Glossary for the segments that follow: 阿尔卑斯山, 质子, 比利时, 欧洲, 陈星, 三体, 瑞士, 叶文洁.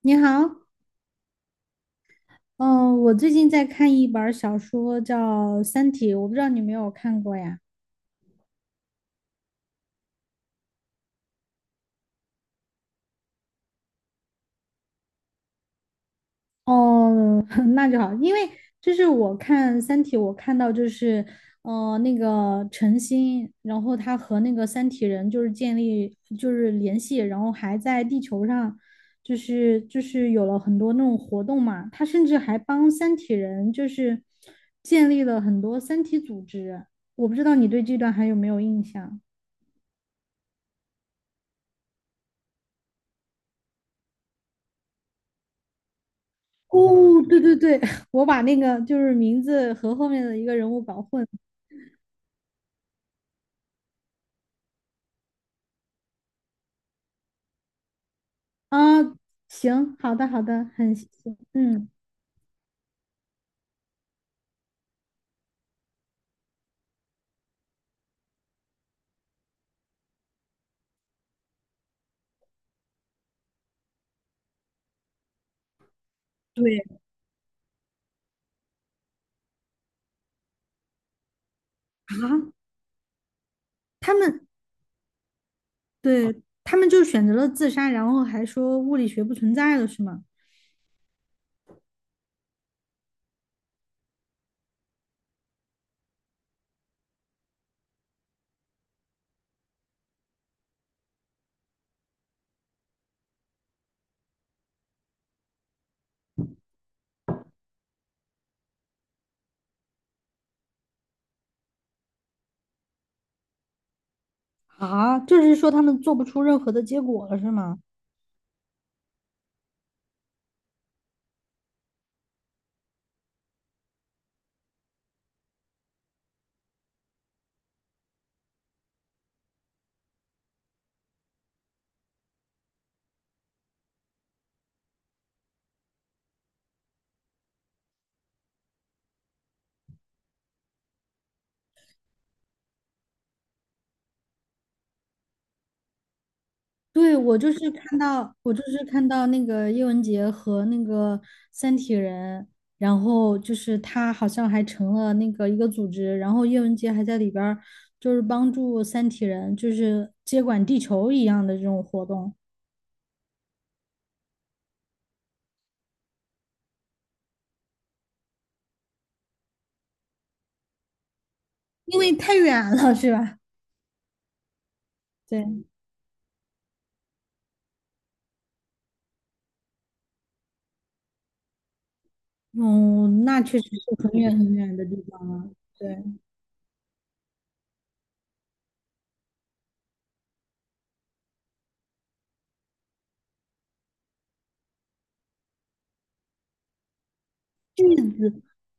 你好。嗯，我最近在看一本儿小说，叫《三体》，我不知道你有没有看过呀？哦，那就好。因为我看《三体》，我看到那个陈星，然后他和那个三体人建立联系，然后还在地球上，就是有了很多那种活动嘛，他甚至还帮三体人建立了很多三体组织。我不知道你对这段还有没有印象？哦，对对对，我把那个就是名字和后面的一个人物搞混啊。行，好的好的，很谢谢。嗯，对啊，他们对他们就选择了自杀，然后还说物理学不存在了，是吗？啊，就是说他们做不出任何的结果了，是吗？对，我就是看到那个叶文洁和那个三体人，然后就是他好像还成了那个一个组织，然后叶文洁还在里边儿就是帮助三体人，就是接管地球一样的这种活动。因为太远了，是吧？对，嗯，那确实是很远很远的地方了。对，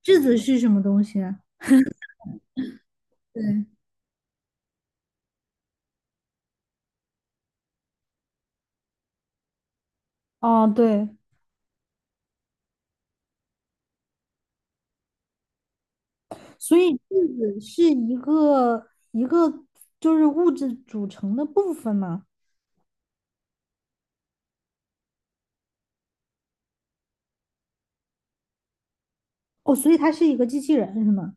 质子是什么东西啊？对，哦，对。所以质子是一个一个就是物质组成的部分嘛。哦，所以它是一个机器人是吗？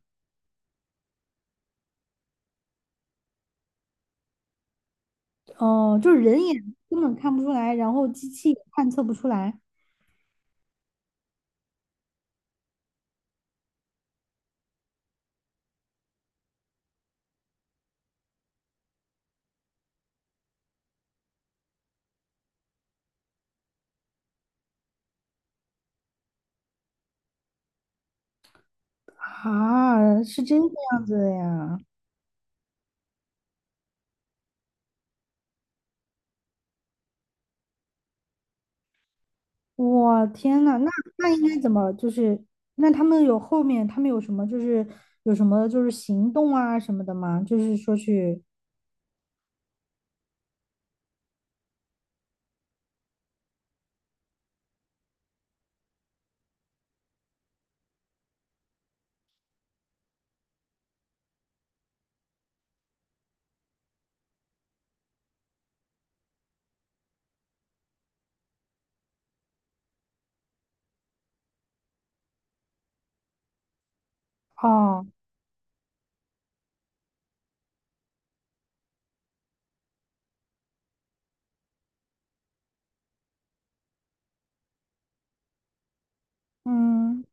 哦，就是人眼根本看不出来，然后机器也探测不出来啊，是这个样子的呀。我天呐，那应该怎么就是？那他们有什么就是有什么就是行动啊什么的吗？就是说去哦。嗯，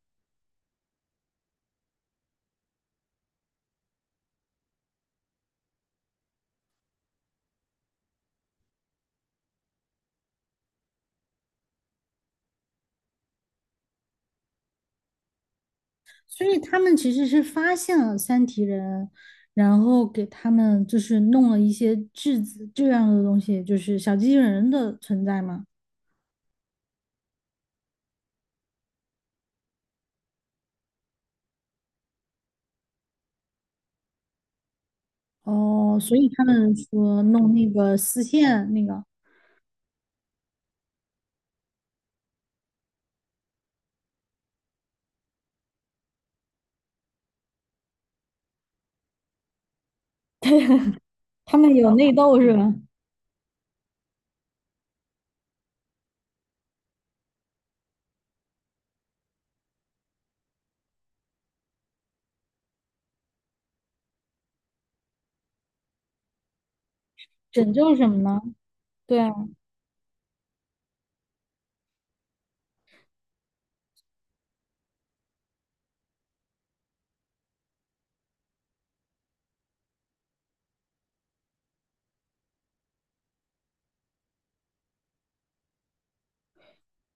所以他们其实是发现了三体人，然后给他们就是弄了一些质子这样的东西，就是小机器人的存在嘛。哦，所以他们说弄那个丝线那个，他们有内斗是吧？拯救什么呢？对啊，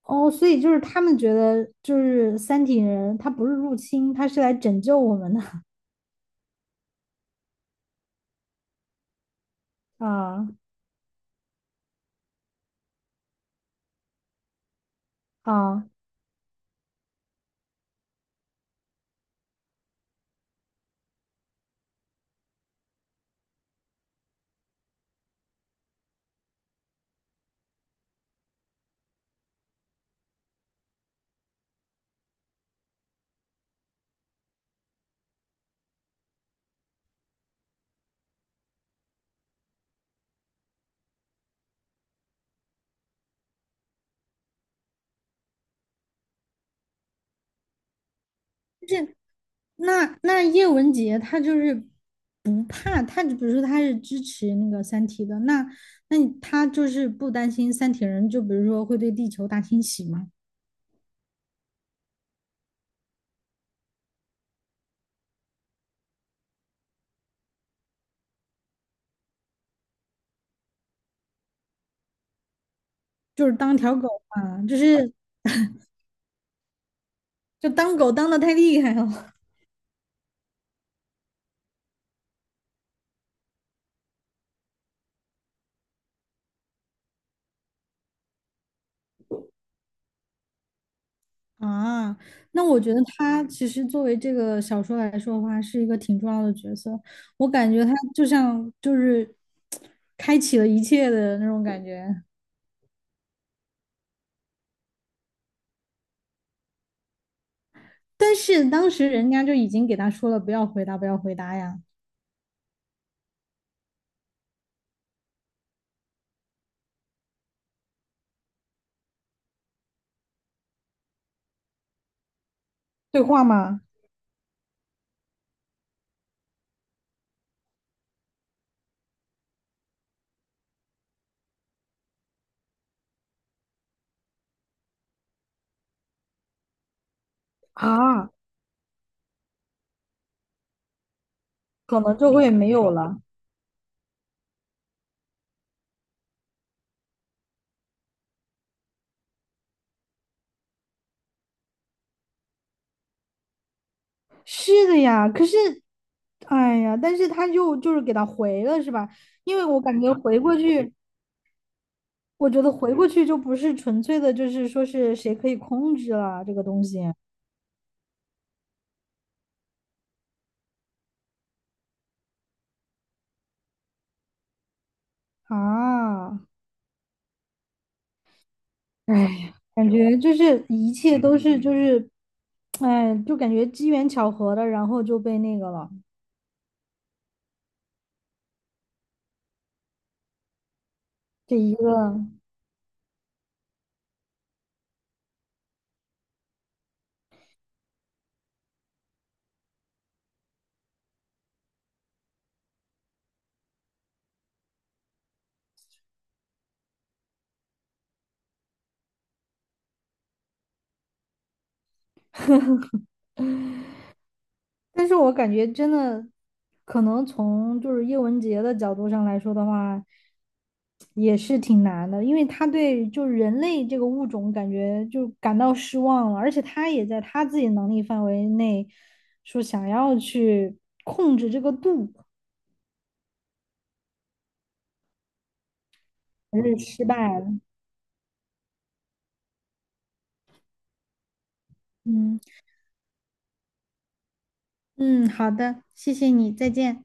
哦，所以就是他们觉得就是三体人，他不是入侵，他是来拯救我们的 啊啊。那叶文洁她就是不怕，她就比如说她是支持那个《三体》的，那她就是不担心三体人，就比如说会对地球大清洗吗？就是当条狗嘛，就当狗当的太厉害了 啊，那我觉得她其实作为这个小说来说的话，是一个挺重要的角色。我感觉她就像就是开启了一切的那种感觉。但是当时人家就已经给她说了，不要回答，不要回答呀。对话吗？啊，可能就会没有了。是的呀，可是，哎呀，但是他就是给他回了，是吧？因为我感觉回过去，就不是纯粹的，就是说是谁可以控制了这个东西啊。哎呀，感觉就是一切都是就是，哎，就感觉机缘巧合的，然后就被那个了，这一个。但是我感觉真的，可能从就是叶文洁的角度上来说的话，也是挺难的，因为他对就人类这个物种感觉就感到失望了，而且他也在他自己能力范围内说想要去控制这个度，还是失败了。嗯，嗯，好的，谢谢你，再见。